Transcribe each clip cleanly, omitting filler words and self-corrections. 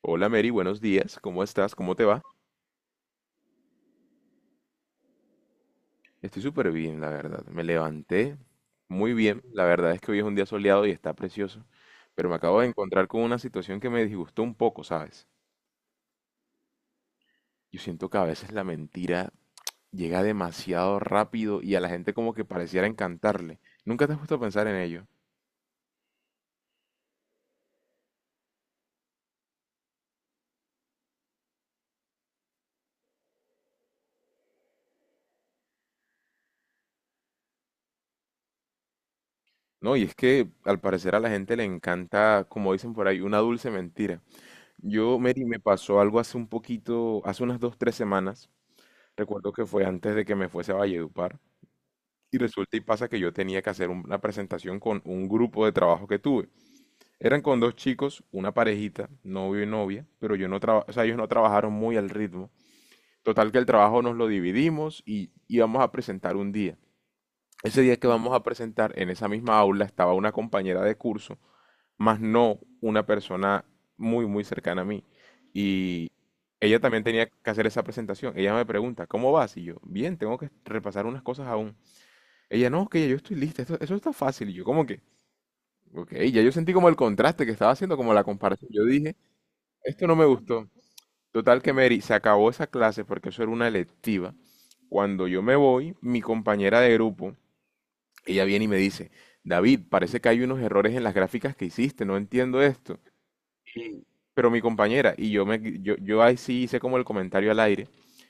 Hola Mary, buenos días. ¿Cómo estás? ¿Cómo te va? Estoy súper bien, la verdad. Me levanté muy bien. La verdad es que hoy es un día soleado y está precioso. Pero me acabo de encontrar con una situación que me disgustó un poco, ¿sabes? Yo siento que a veces la mentira llega demasiado rápido y a la gente como que pareciera encantarle. Nunca te has puesto a pensar en ello. No, y es que al parecer a la gente le encanta, como dicen por ahí, una dulce mentira. Yo, Mary, me pasó algo hace un poquito, hace unas dos, tres semanas. Recuerdo que fue antes de que me fuese a Valledupar y resulta y pasa que yo tenía que hacer una presentación con un grupo de trabajo que tuve. Eran con dos chicos, una parejita, novio y novia, pero yo no traba- o sea, ellos no trabajaron muy al ritmo. Total que el trabajo nos lo dividimos y íbamos a presentar un día. Ese día que vamos a presentar, en esa misma aula estaba una compañera de curso, más no una persona muy, muy cercana a mí. Y ella también tenía que hacer esa presentación. Ella me pregunta, ¿cómo vas? Y yo, bien, tengo que repasar unas cosas aún. Ella, no, que ya yo estoy lista, eso está fácil. Y yo, ¿cómo que? Ok, ya yo sentí como el contraste que estaba haciendo, como la comparación. Yo dije, esto no me gustó. Total que, Mary, se acabó esa clase porque eso era una electiva. Cuando yo me voy, mi compañera de grupo, ella viene y me dice, David, parece que hay unos errores en las gráficas que hiciste, no entiendo esto. Pero mi compañera, yo ahí sí hice como el comentario al aire,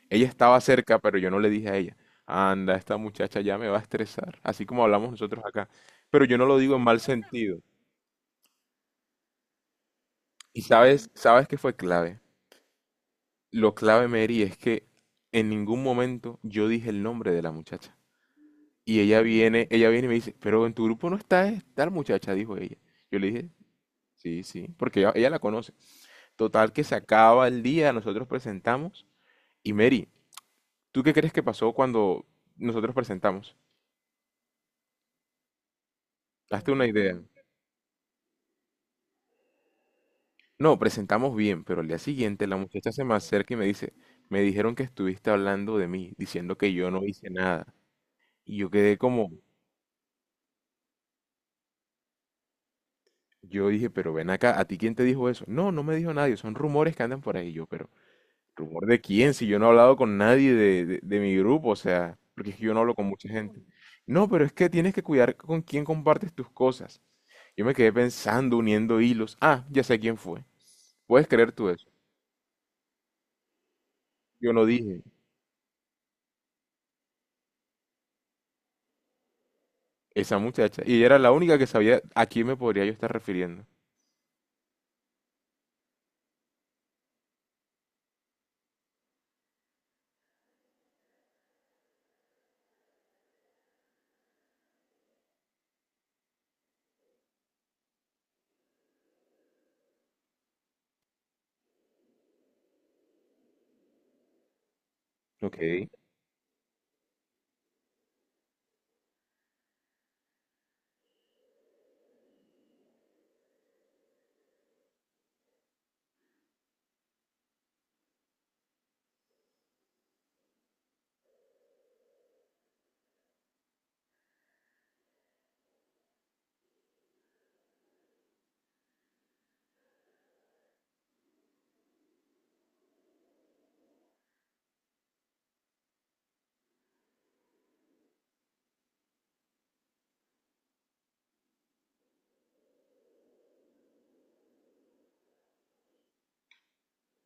ella estaba cerca, pero yo no le dije a ella, anda, esta muchacha ya me va a estresar, así como hablamos nosotros acá. Pero yo no lo digo en mal sentido. Y sabes, ¿sabes qué fue clave? Lo clave, Mary, es que en ningún momento yo dije el nombre de la muchacha. Y ella viene y me dice, pero en tu grupo no tal muchacha, dijo ella. Yo le dije, sí, sí, porque ella la conoce. Total que se acaba el día, nosotros presentamos. Y Mary, ¿tú qué crees que pasó cuando nosotros presentamos? Hazte una idea. No, presentamos bien, pero al día siguiente la muchacha se me acerca y me dice, me dijeron que estuviste hablando de mí, diciendo que yo no hice nada. Y yo quedé como, yo dije, pero ven acá, ¿a ti quién te dijo eso? No, no me dijo nadie, son rumores que andan por ahí. Y yo, pero ¿rumor de quién? Si yo no he hablado con nadie de mi grupo, o sea, porque es que yo no hablo con mucha gente. No, pero es que tienes que cuidar con quién compartes tus cosas. Yo me quedé pensando, uniendo hilos. Ah, ya sé quién fue. ¿Puedes creer tú eso? Yo no dije, esa muchacha. Y ella era la única que sabía a quién me podría yo estar refiriendo. Ok.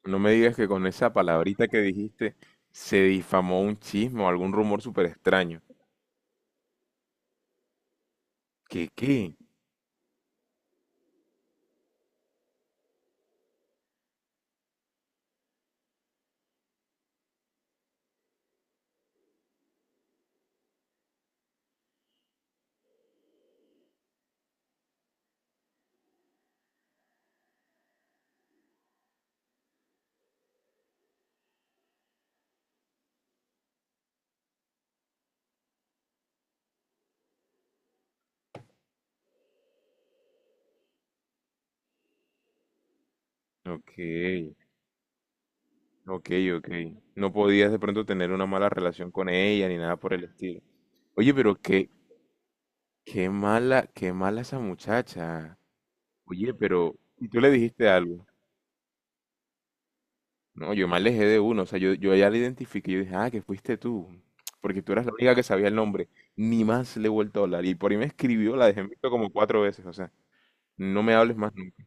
No me digas que con esa palabrita que dijiste se difamó un chisme o algún rumor súper extraño. ¿Qué qué? Ok, ok, ok. No podías de pronto tener una mala relación con ella ni nada por el estilo. Oye, pero qué, qué mala esa muchacha. Oye, pero ¿y tú le dijiste algo? No, yo me alejé de uno, o sea, yo ya le identifiqué, yo dije, ah, que fuiste tú, porque tú eras la única que sabía el nombre, ni más le he vuelto a hablar, y por ahí me escribió, la dejé en visto como cuatro veces, o sea, no me hables más nunca.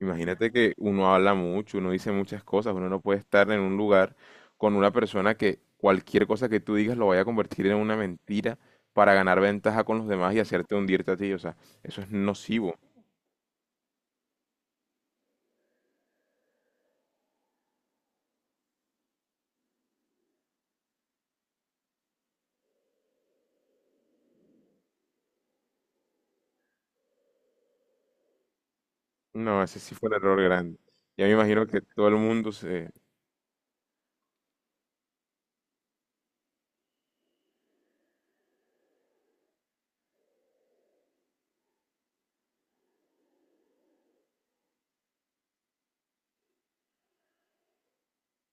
Imagínate que uno habla mucho, uno dice muchas cosas, uno no puede estar en un lugar con una persona que cualquier cosa que tú digas lo vaya a convertir en una mentira para ganar ventaja con los demás y hacerte hundirte a ti, o sea, eso es nocivo. No, ese sí fue un error grande. Ya me imagino que todo el mundo se...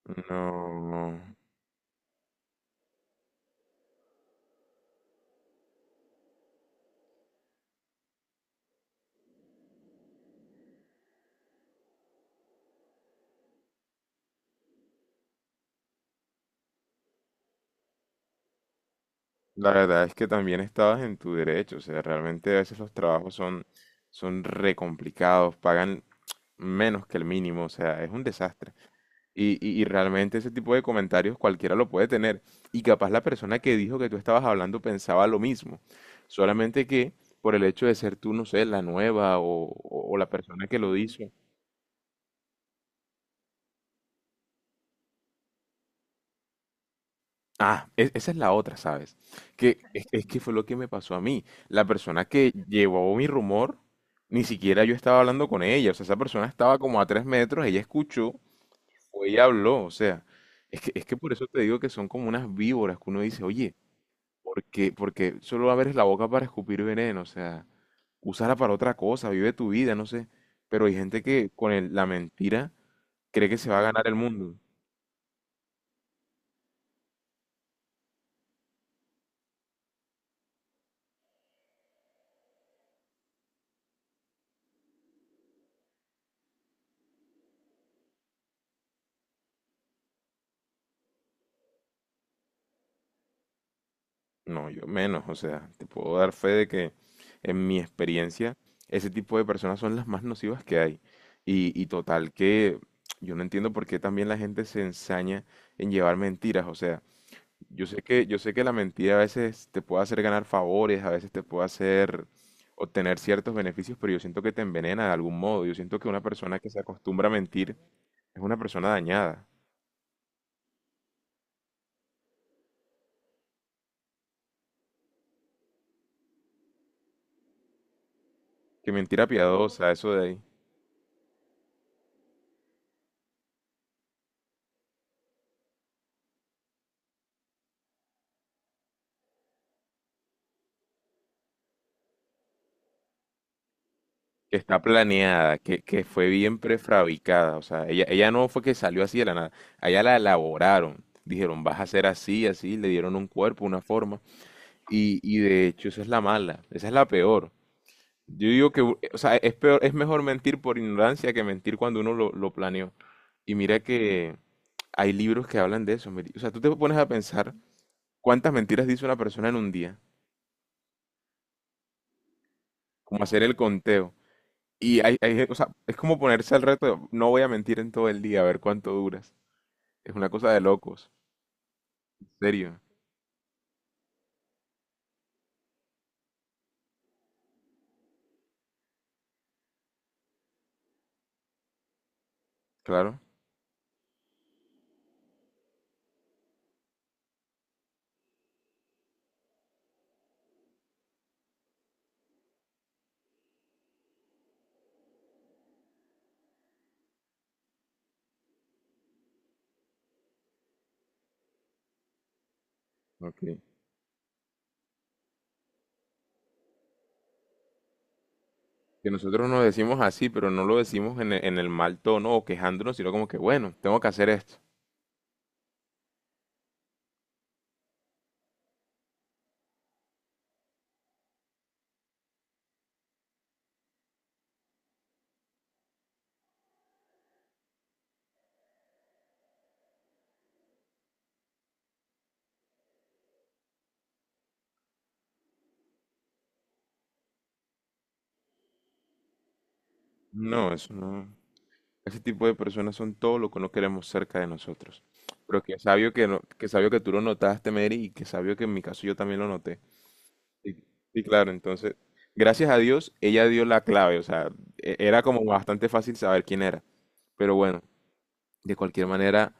No. La verdad es que también estabas en tu derecho, o sea, realmente a veces los trabajos son, son re complicados, pagan menos que el mínimo, o sea, es un desastre. Y realmente ese tipo de comentarios cualquiera lo puede tener. Y capaz la persona que dijo que tú estabas hablando pensaba lo mismo, solamente que por el hecho de ser tú, no sé, la nueva o la persona que lo hizo. Ah, esa es la otra, ¿sabes? Que es que fue lo que me pasó a mí. La persona que llevó mi rumor, ni siquiera yo estaba hablando con ella. O sea, esa persona estaba como a tres metros, ella escuchó o ella habló. O sea, es que por eso te digo que son como unas víboras que uno dice, oye, ¿por qué? Porque solo abres la boca para escupir veneno. O sea, úsala para otra cosa, vive tu vida, no sé. Pero hay gente que con la mentira cree que se va a ganar el mundo. No, yo menos, o sea, te puedo dar fe de que en mi experiencia ese tipo de personas son las más nocivas que hay. Y total que yo no entiendo por qué también la gente se ensaña en llevar mentiras, o sea, yo sé que la mentira a veces te puede hacer ganar favores, a veces te puede hacer obtener ciertos beneficios, pero yo siento que te envenena de algún modo. Yo siento que una persona que se acostumbra a mentir es una persona dañada. Que mentira piadosa, eso de ahí. Que está planeada, que fue bien prefabricada. O sea, ella no fue que salió así de la nada. Allá la elaboraron. Dijeron, vas a ser así, así. Le dieron un cuerpo, una forma. Y de hecho, esa es la mala. Esa es la peor. Yo digo que, o sea, es peor, es mejor mentir por ignorancia que mentir cuando uno lo planeó. Y mira que hay libros que hablan de eso, mire. O sea, tú te pones a pensar cuántas mentiras dice una persona en un día. Como hacer el conteo. Y hay, o sea, es como ponerse al reto, de, no voy a mentir en todo el día, a ver cuánto duras. Es una cosa de locos, en serio, claro. Ok. Que nosotros nos decimos así, pero no lo decimos en el mal tono o quejándonos, sino como que, bueno, tengo que hacer esto. No, eso no. Ese tipo de personas son todo lo que no queremos cerca de nosotros. Pero que sabio que, que sabio que tú lo notaste, Mary, y que sabio que en mi caso yo también lo noté. Y, y claro, entonces, gracias a Dios, ella dio la clave, o sea, era como bastante fácil saber quién era. Pero bueno, de cualquier manera,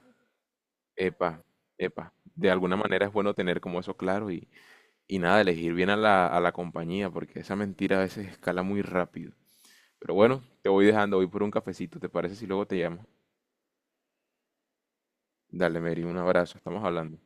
epa, epa, de alguna manera es bueno tener como eso claro y nada, elegir bien a a la compañía, porque esa mentira a veces escala muy rápido. Pero bueno, te voy dejando, voy por un cafecito, ¿te parece si luego te llamo? Dale, Mary, un abrazo, estamos hablando.